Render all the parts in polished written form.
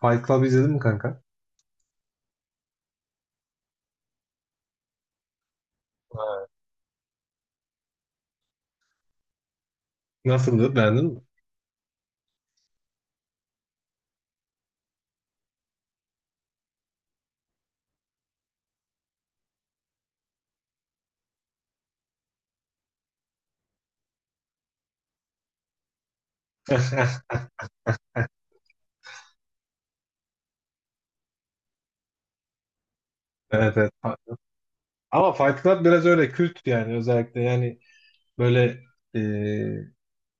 Fight Club izledin mi kanka? Ha. Nasıldı? Beğendin mi? Evet, evet. Ama Fight Club biraz öyle kült yani, özellikle yani böyle e,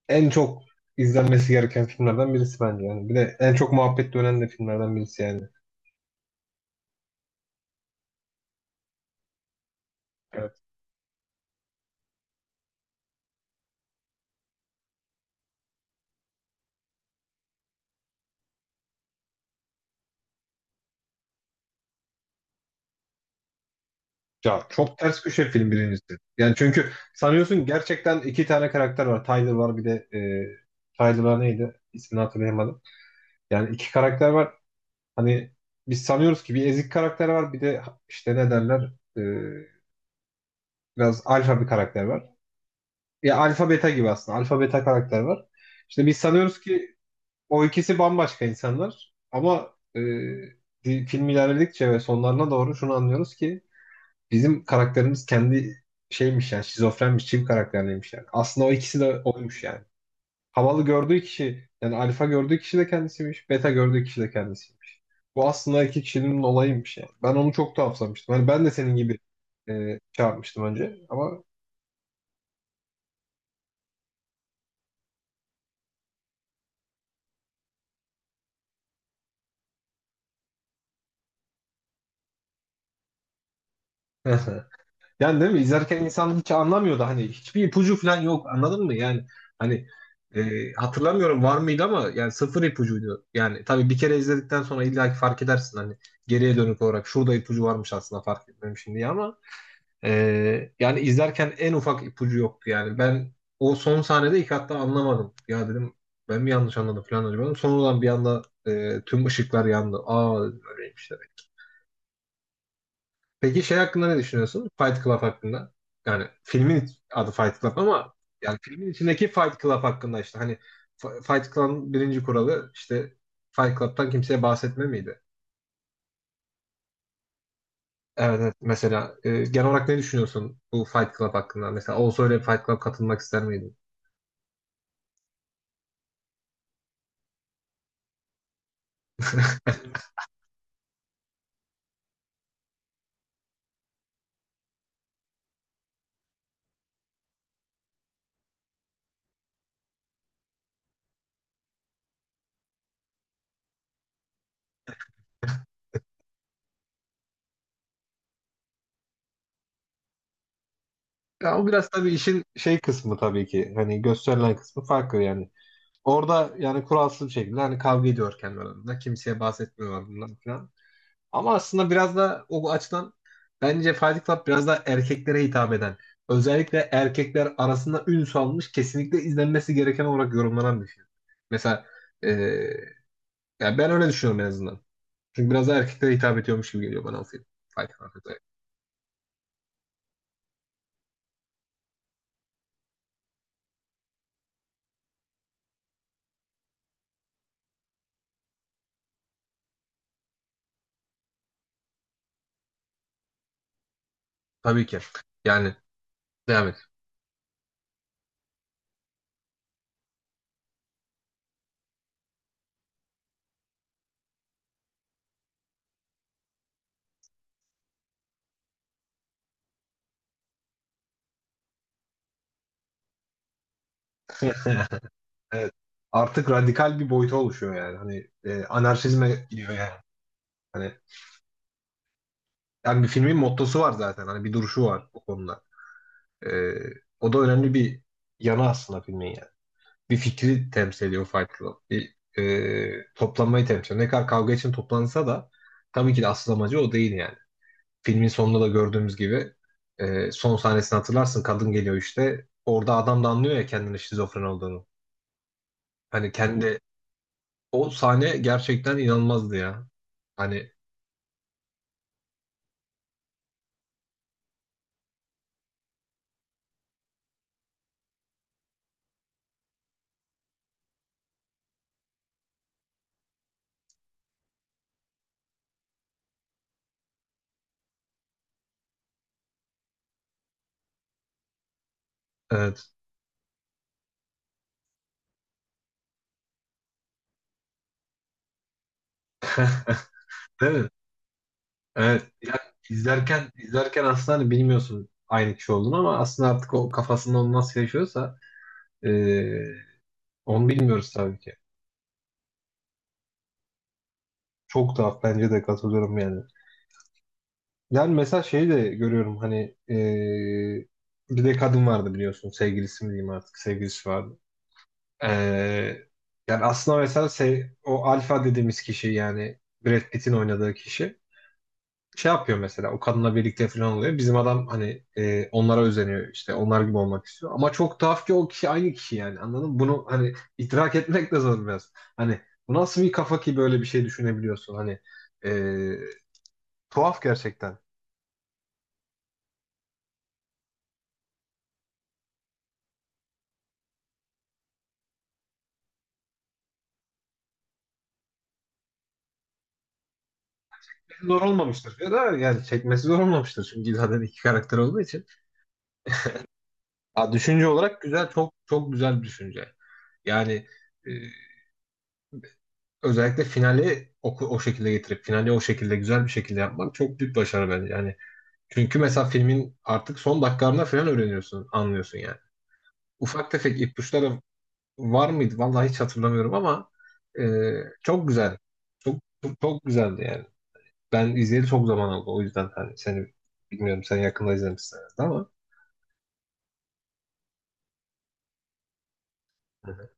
en çok izlenmesi gereken filmlerden birisi bence yani. Bir de en çok muhabbet dönen de filmlerden birisi yani. Evet. Ya çok ters köşe film birincisi. Yani çünkü sanıyorsun gerçekten iki tane karakter var. Tyler var bir de Tyler neydi? İsmini hatırlayamadım. Yani iki karakter var. Hani biz sanıyoruz ki bir ezik karakter var bir de işte ne derler, E, biraz alfa bir karakter var. Ya alfa beta gibi aslında. Alfa beta karakter var. İşte biz sanıyoruz ki o ikisi bambaşka insanlar. Ama film ilerledikçe ve sonlarına doğru şunu anlıyoruz ki bizim karakterimiz kendi şeymiş yani, şizofrenmiş, çift karakterliymiş yani. Aslında o ikisi de oymuş yani. Havalı gördüğü kişi yani alfa gördüğü kişi de kendisiymiş. Beta gördüğü kişi de kendisiymiş. Bu aslında iki kişinin olayıymış yani. Ben onu çok tuhaflamıştım. Hani ben de senin gibi çarpmıştım önce ama yani değil mi? İzlerken insan hiç anlamıyordu. Hani hiçbir ipucu falan yok. Anladın mı? Yani hani hatırlamıyorum var mıydı ama yani sıfır ipucuydu. Yani tabii bir kere izledikten sonra illa ki fark edersin hani geriye dönük olarak şurada ipucu varmış aslında fark etmemişim diye ama yani izlerken en ufak ipucu yoktu yani. Ben o son sahnede ilk hatta anlamadım. Ya dedim ben mi yanlış anladım falan acaba. Sonradan bir anda tüm ışıklar yandı. Aa, böyleymiş. Peki şey hakkında ne düşünüyorsun? Fight Club hakkında. Yani filmin adı Fight Club ama yani filmin içindeki Fight Club hakkında işte hani Fight Club'ın birinci kuralı işte Fight Club'tan kimseye bahsetme miydi? Evet, evet. Mesela genel olarak ne düşünüyorsun bu Fight Club hakkında? Mesela olsa öyle bir Fight Club katılmak ister miydin? Ya o biraz tabii işin şey kısmı tabii ki. Hani gösterilen kısmı farklı yani. Orada yani kuralsız bir şekilde hani kavga ediyor kendi aralarında. Kimseye bahsetmiyorlar bundan falan. Ama aslında biraz da o açıdan bence Fight Club biraz daha erkeklere hitap eden, özellikle erkekler arasında ün salmış, kesinlikle izlenmesi gereken olarak yorumlanan bir film. Mesela e, yani ben öyle düşünüyorum en azından. Çünkü biraz daha erkeklere hitap ediyormuş gibi geliyor bana o film. Fight Club. Evet. Tabii ki. Yani devam et. Evet. Artık radikal bir boyuta oluşuyor yani. Hani anarşizme gidiyor yani. Hani yani bir filmin mottosu var zaten. Hani bir duruşu var o konuda. Ee, o da önemli bir yanı aslında filmin yani. Bir fikri temsil ediyor Fight Club. Bir toplanmayı temsil ediyor. Ne kadar kavga için toplansa da tabii ki de asıl amacı o değil yani. Filmin sonunda da gördüğümüz gibi son sahnesini hatırlarsın. Kadın geliyor işte. Orada adam da anlıyor ya kendinin şizofren olduğunu. Hani kendi, o sahne gerçekten inanılmazdı ya. Hani evet. Değil mi? Evet, ya izlerken aslında hani bilmiyorsun aynı kişi olduğunu ama aslında artık o kafasında onu nasıl yaşıyorsa, eee, onu bilmiyoruz tabii ki. Çok tuhaf, bence de katılıyorum yani. Yani mesela şeyi de görüyorum hani bir de kadın vardı biliyorsun, sevgilisi mi diyeyim artık, sevgilisi vardı. Eee, yani aslında mesela o alfa dediğimiz kişi yani Brad Pitt'in oynadığı kişi, şey yapıyor mesela, o kadınla birlikte falan oluyor. Bizim adam hani onlara özeniyor, işte onlar gibi olmak istiyor. Ama çok tuhaf ki o kişi aynı kişi yani, anladın mı? Bunu hani idrak etmek de zor biraz. Hani bu nasıl bir kafa ki böyle bir şey düşünebiliyorsun hani, e, tuhaf gerçekten. Zor olmamıştır ya da yani çekmesi zor olmamıştır çünkü zaten iki karakter olduğu için. Ha, düşünce olarak güzel, çok güzel bir düşünce. Yani e, özellikle finali o şekilde getirip finali o şekilde güzel bir şekilde yapmak çok büyük başarı bence. Yani çünkü mesela filmin artık son dakikalarında falan öğreniyorsun, anlıyorsun yani. Ufak tefek ipuçları var mıydı? Vallahi hiç hatırlamıyorum ama e, çok güzel. Çok, çok güzeldi yani. Ben izleyeli çok zaman oldu. O yüzden hani seni bilmiyorum, sen yakında izlemişsin herhalde ama. Hı hı.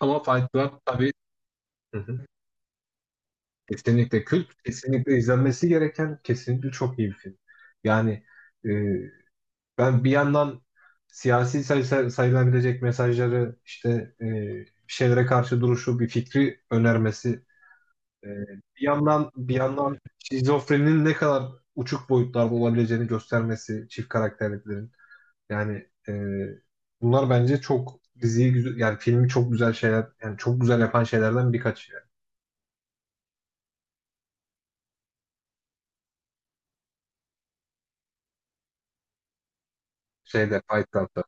Ama Fight Club tabii, hı hı, kesinlikle kült, kesinlikle izlenmesi gereken, kesinlikle çok iyi bir film. Yani e, ben bir yandan siyasi sayılabilecek mesajları, işte e, bir şeylere karşı duruşu, bir fikri önermesi, e, bir yandan şizofreninin ne kadar uçuk boyutlarda olabileceğini göstermesi, çift karakterliklerin. Yani bunlar bence çok diziyi güzel, yani filmi çok güzel şeyler, yani çok güzel yapan şeylerden birkaç yani. Şeyde, Fight Club'da.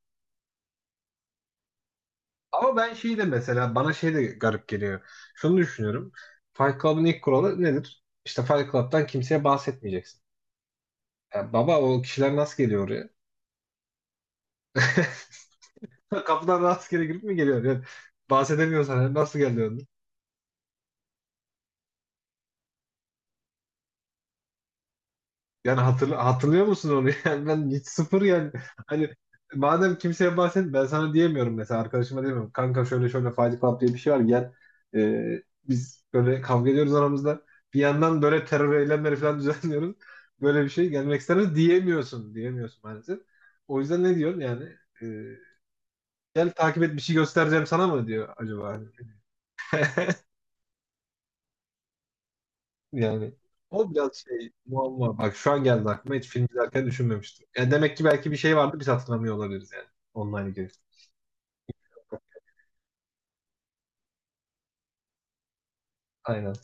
Ama ben şey de mesela, bana şey de garip geliyor. Şunu düşünüyorum. Fight Club'ın ilk kuralı nedir? İşte Fight Club'tan kimseye bahsetmeyeceksin. Ya baba, o kişiler nasıl geliyor oraya? Kapıdan rastgele girip mi geliyor? Yani bahsedemiyorsan yani nasıl geliyor? Yani hatırlıyor musun onu? Yani ben hiç sıfır yani. Hani madem kimseye bahset, ben sana diyemiyorum mesela, arkadaşıma diyemiyorum. Kanka şöyle şöyle Fight Club diye bir şey var, gel. Biz böyle kavga ediyoruz aramızda. Bir yandan böyle terör eylemleri falan düzenliyoruz. Böyle bir şey, gelmek ister misin? Diyemiyorsun. Diyemiyorsun maalesef. O yüzden ne diyorsun yani? Ee, gel takip et bir şey göstereceğim sana mı diyor acaba? Yani o biraz şey, muamma. Bak şu an geldi aklıma, hiç film izlerken düşünmemiştim. Yani demek ki belki bir şey vardı, biz hatırlamıyor olabiliriz yani. Online girişte. Aynen.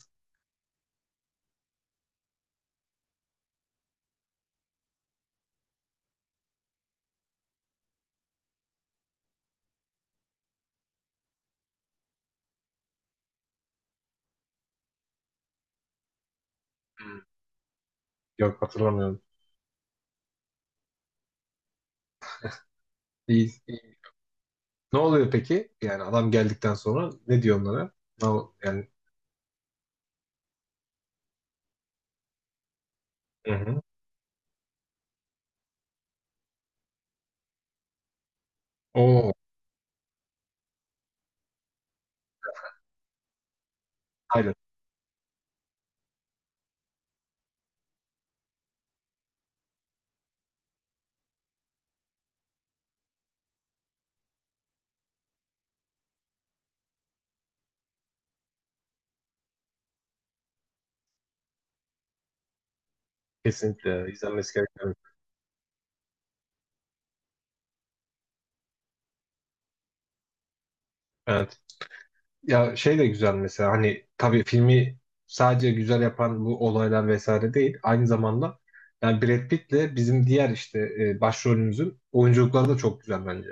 Hmm. Yok, hatırlamıyorum. İyi, iyi. Ne oluyor peki? Yani adam geldikten sonra ne diyor onlara? Yani hı hı. Oo, aynen. Kesinlikle izlenmesi gereken. Evet. Ya şey de güzel mesela, hani tabii filmi sadece güzel yapan bu olaylar vesaire değil. Aynı zamanda yani Brad Pitt'le bizim diğer işte başrolümüzün oyunculukları da çok güzel bence.